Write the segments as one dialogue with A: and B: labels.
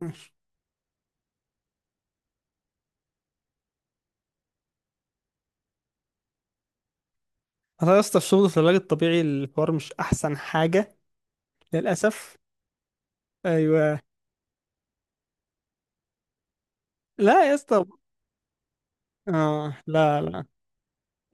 A: ماشي. انا يا اسطى الشغل في العلاج الطبيعي الحوار مش احسن حاجه، للاسف. ايوه. لا يا اسطى. اه لا، لا.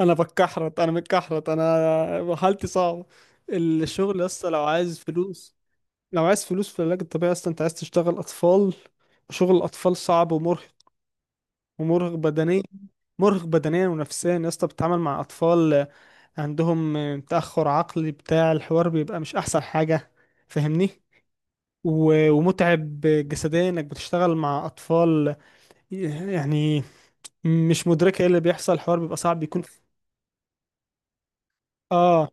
A: انا متكحرت، انا حالتي صعبه. الشغل يا اسطى لو عايز فلوس، لو عايز فلوس في العلاج الطبيعي يا اسطى انت عايز تشتغل اطفال. شغل الاطفال صعب ومرهق، ومرهق بدنيا، مرهق بدنيا ونفسيا يا اسطى. بتتعامل مع اطفال عندهم تاخر عقلي بتاع، الحوار بيبقى مش احسن حاجه. فاهمني؟ ومتعب جسديا انك بتشتغل مع اطفال، يعني مش مدركه ايه اللي بيحصل، الحوار بيبقى صعب بيكون. اه.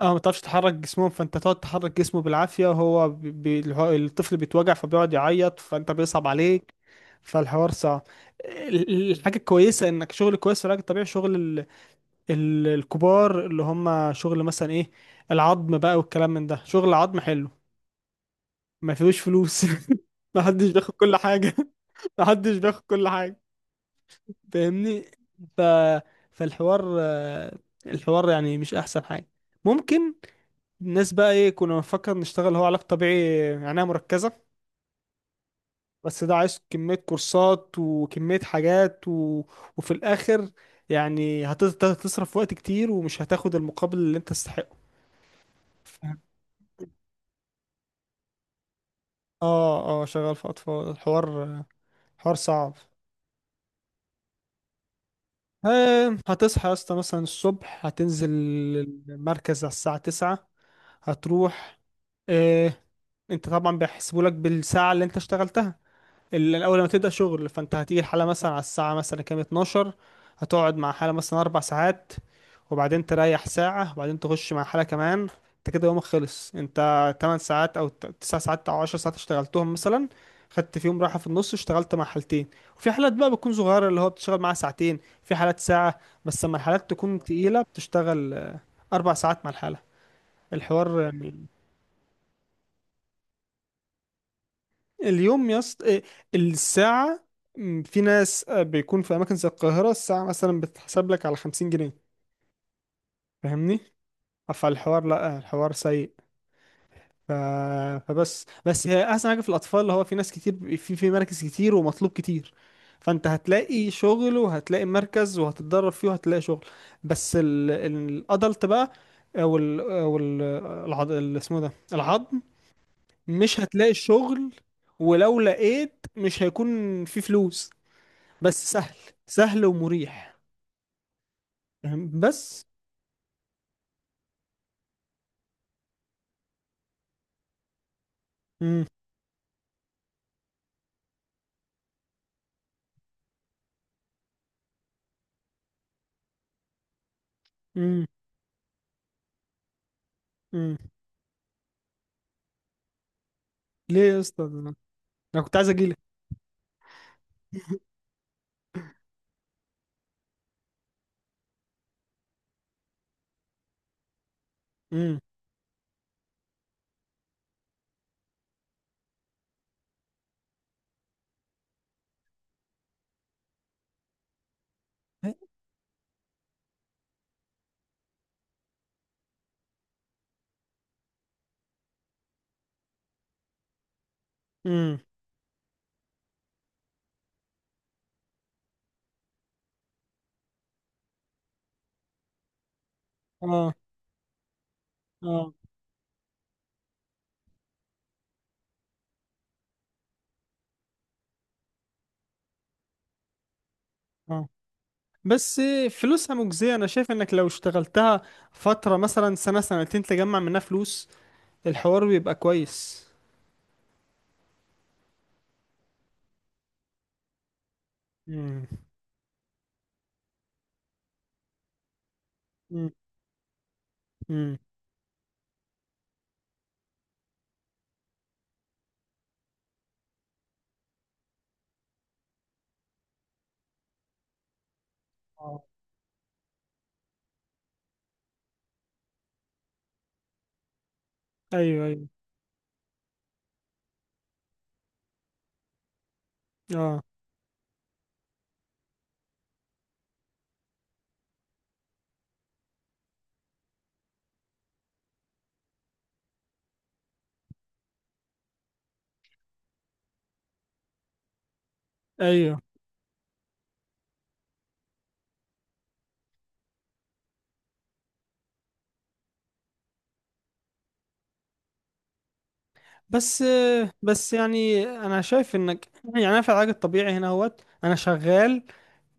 A: اه، ما تعرفش تحرك جسمهم، فانت تقعد تحرك جسمه بالعافيه وهو الطفل بيتوجع فبيقعد يعيط فانت بيصعب عليك. فالحوار صعب. الحاجه الكويسه انك شغل كويس في العلاج الطبيعي، شغل الكبار، اللي هم شغل مثلا ايه، العظم بقى والكلام من ده، شغل عظم حلو. ما فيهوش فلوس. ما حدش بياخد كل حاجة. ما حدش بياخد كل حاجة. فاهمني؟ ف... فالحوار، الحوار يعني مش أحسن حاجة. ممكن الناس بقى إيه كنا بنفكر نشتغل، هو علاج طبيعي عناية مركزة، بس ده عايز كمية كورسات وكمية حاجات وفي الآخر يعني هتصرف وقت كتير ومش هتاخد المقابل اللي أنت تستحقه. ف- اه، اه، شغال في أطفال. الحوار حوار صعب. هتصحى يا اسطى مثلا الصبح، هتنزل المركز على الساعة 9، هتروح. آه، انت طبعا بيحسبوا لك بالساعة اللي انت اشتغلتها. الاول لما تبدا شغل فانت هتيجي الحاله مثلا على الساعه مثلا كام، 12، هتقعد مع حاله مثلا 4 ساعات، وبعدين تريح ساعه، وبعدين تخش مع حاله كمان. انت كده يومك خلص. انت 8 ساعات او 9 ساعات او 10 ساعات اشتغلتهم مثلا، خدت فيهم راحه في النص، اشتغلت مع حالتين. وفي حالات بقى بتكون صغيره اللي هو بتشتغل معاها ساعتين، في حالات ساعه، بس لما الحالات تكون تقيله بتشتغل اربع ساعات مع الحاله، الحوار يعني. اليوم يا اسطى الساعة، في ناس، بيكون في أماكن زي القاهرة الساعة مثلا بتتحسب لك على 50 جنيه. فاهمني؟ فالحوار لأ، الحوار سيء. ف... فبس هي أحسن حاجة في الأطفال، هو في ناس كتير، في مراكز كتير ومطلوب كتير، فأنت هتلاقي شغل وهتلاقي مركز وهتتدرب فيه وهتلاقي شغل. بس الأدلت بقى، أو اسمه إيه ده، العظم، مش هتلاقي الشغل، ولو لقيت مش هيكون في فلوس، بس سهل، سهل ومريح. فاهم؟ بس. مم. مم. مم. ليه يا اسطى ده؟ انا كنت عايز اجيلك. مم. مم. اه. اه. اه بس. فلوسها مجزية، انا شايف انك لو اشتغلتها فترة مثلا سنة سنتين تجمع منها فلوس، الحوار بيبقى كويس. مم. مم. مم. آه. ايوه، ايوه. اه. ايوه. بس بس يعني انا شايف انك، يعني انا في العلاج الطبيعي هنا اهوت، انا شغال،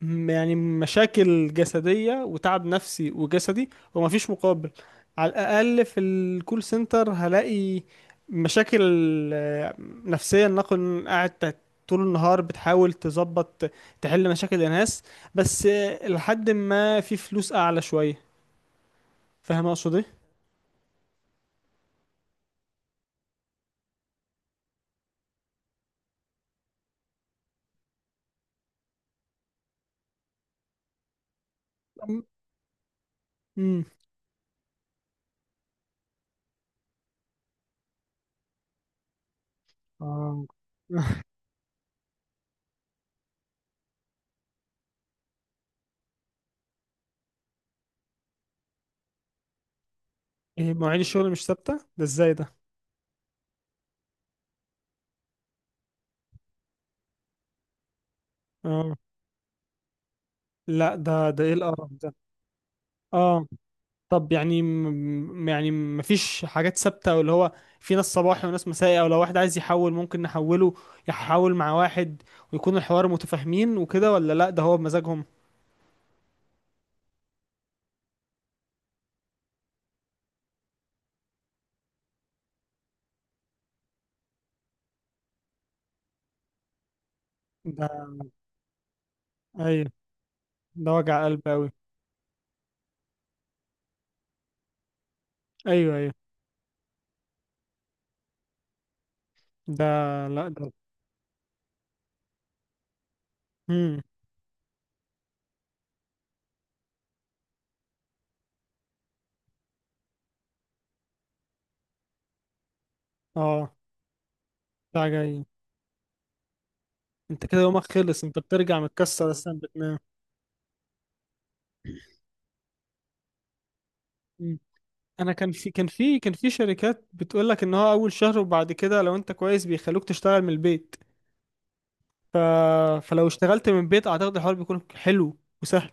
A: يعني مشاكل جسدية وتعب نفسي وجسدي ومفيش مقابل. على الأقل في الكول سنتر هلاقي مشاكل آه، نفسية، نكون قاعد طول النهار بتحاول تظبط تحل مشاكل الناس، بس لحد ما في فلوس أعلى شوية. فاهم أقصد إيه؟ أمم. آه. مواعيد الشغل مش ثابتة؟ ده إزاي ده؟ آه. لا، ده إيه القرف ده؟ آه. طب يعني يعني ما فيش حاجات ثابتة، واللي هو في ناس صباحي وناس مسائي، او لو واحد عايز يحول ممكن نحوله يحول مع واحد ويكون الحوار متفاهمين وكده، ولا لا ده هو بمزاجهم؟ ده، ايوه، ده وجع قلب قوي. ايوه، ايوه. ده، لا ده. امم. اه. ده جاي، انت كده يومك خلص، انت بترجع متكسر اصلا بتنام. مم. انا كان في شركات بتقول لك ان هو اول شهر وبعد كده لو انت كويس بيخلوك تشتغل من البيت، ف... فلو اشتغلت من البيت اعتقد الحوار بيكون حلو وسهل.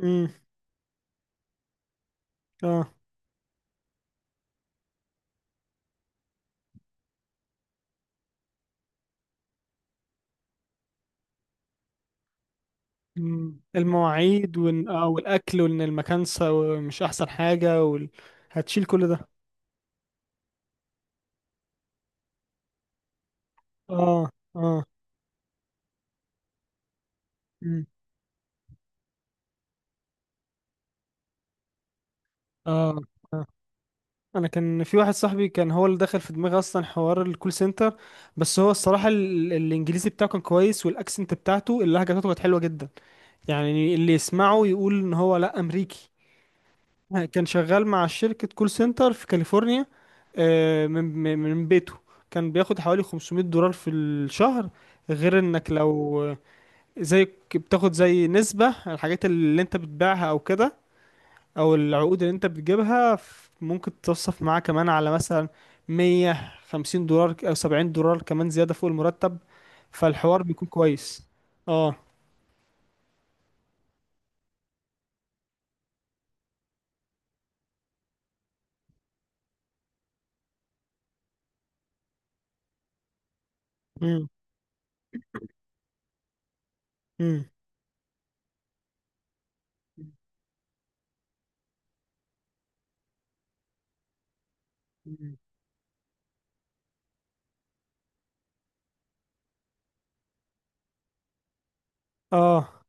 A: امم. اه. مم. المواعيد آه، والاكل وان المكان، مش احسن حاجه، هتشيل كل ده. اه. اه. مم. اه. آه. انا كان في واحد صاحبي، كان هو اللي دخل في دماغي اصلا حوار الكول سنتر، بس هو الصراحه، الانجليزي بتاعه كان كويس، والاكسنت بتاعته اللهجه بتاعته كانت حلوه جدا، يعني اللي يسمعه يقول ان هو لا، امريكي. كان شغال مع شركة كول سنتر في كاليفورنيا، من بيته، كان بياخد حوالي 500 دولار في الشهر، غير انك لو آه، زي بتاخد زي نسبة على الحاجات اللي انت بتبيعها او كده، او العقود اللي انت بتجيبها، ممكن تتصف معاه كمان على مثلا 150 دولار او 70 دولار كمان زيادة فوق المرتب، فالحوار بيكون كويس. اه. امم. امم. اه.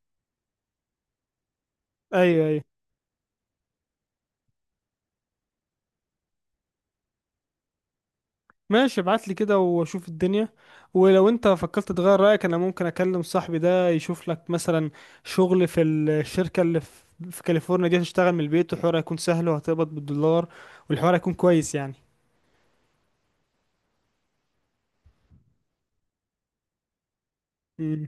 A: ايوه، ايوه. ماشي، ابعت لي كده واشوف الدنيا، ولو انت فكرت تغير رأيك انا ممكن اكلم صاحبي ده يشوف لك مثلا شغل في الشركة اللي في كاليفورنيا دي، هتشتغل من البيت والحوار هيكون سهل، وهتقبض بالدولار، والحوار هيكون كويس يعني. مم.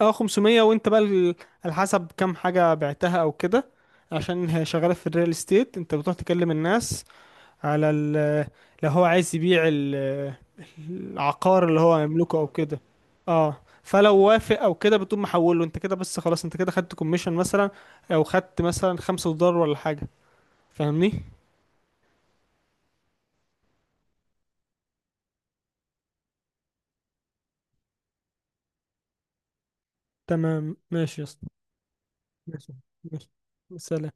A: اه، 500، وانت بقى على حسب كام حاجة بعتها او كده، عشان هي شغالة في الريال استيت، انت بتروح تكلم الناس على ال، لو هو عايز يبيع العقار اللي هو يملكه او كده. اه. فلو وافق او كده بتقوم محوله انت كده، بس خلاص انت كده خدت كوميشن مثلا، او خدت مثلا 5 دولار ولا حاجة. فاهمني؟ تمام، ماشي يا اسطى. ماشي. ماشي. سلام.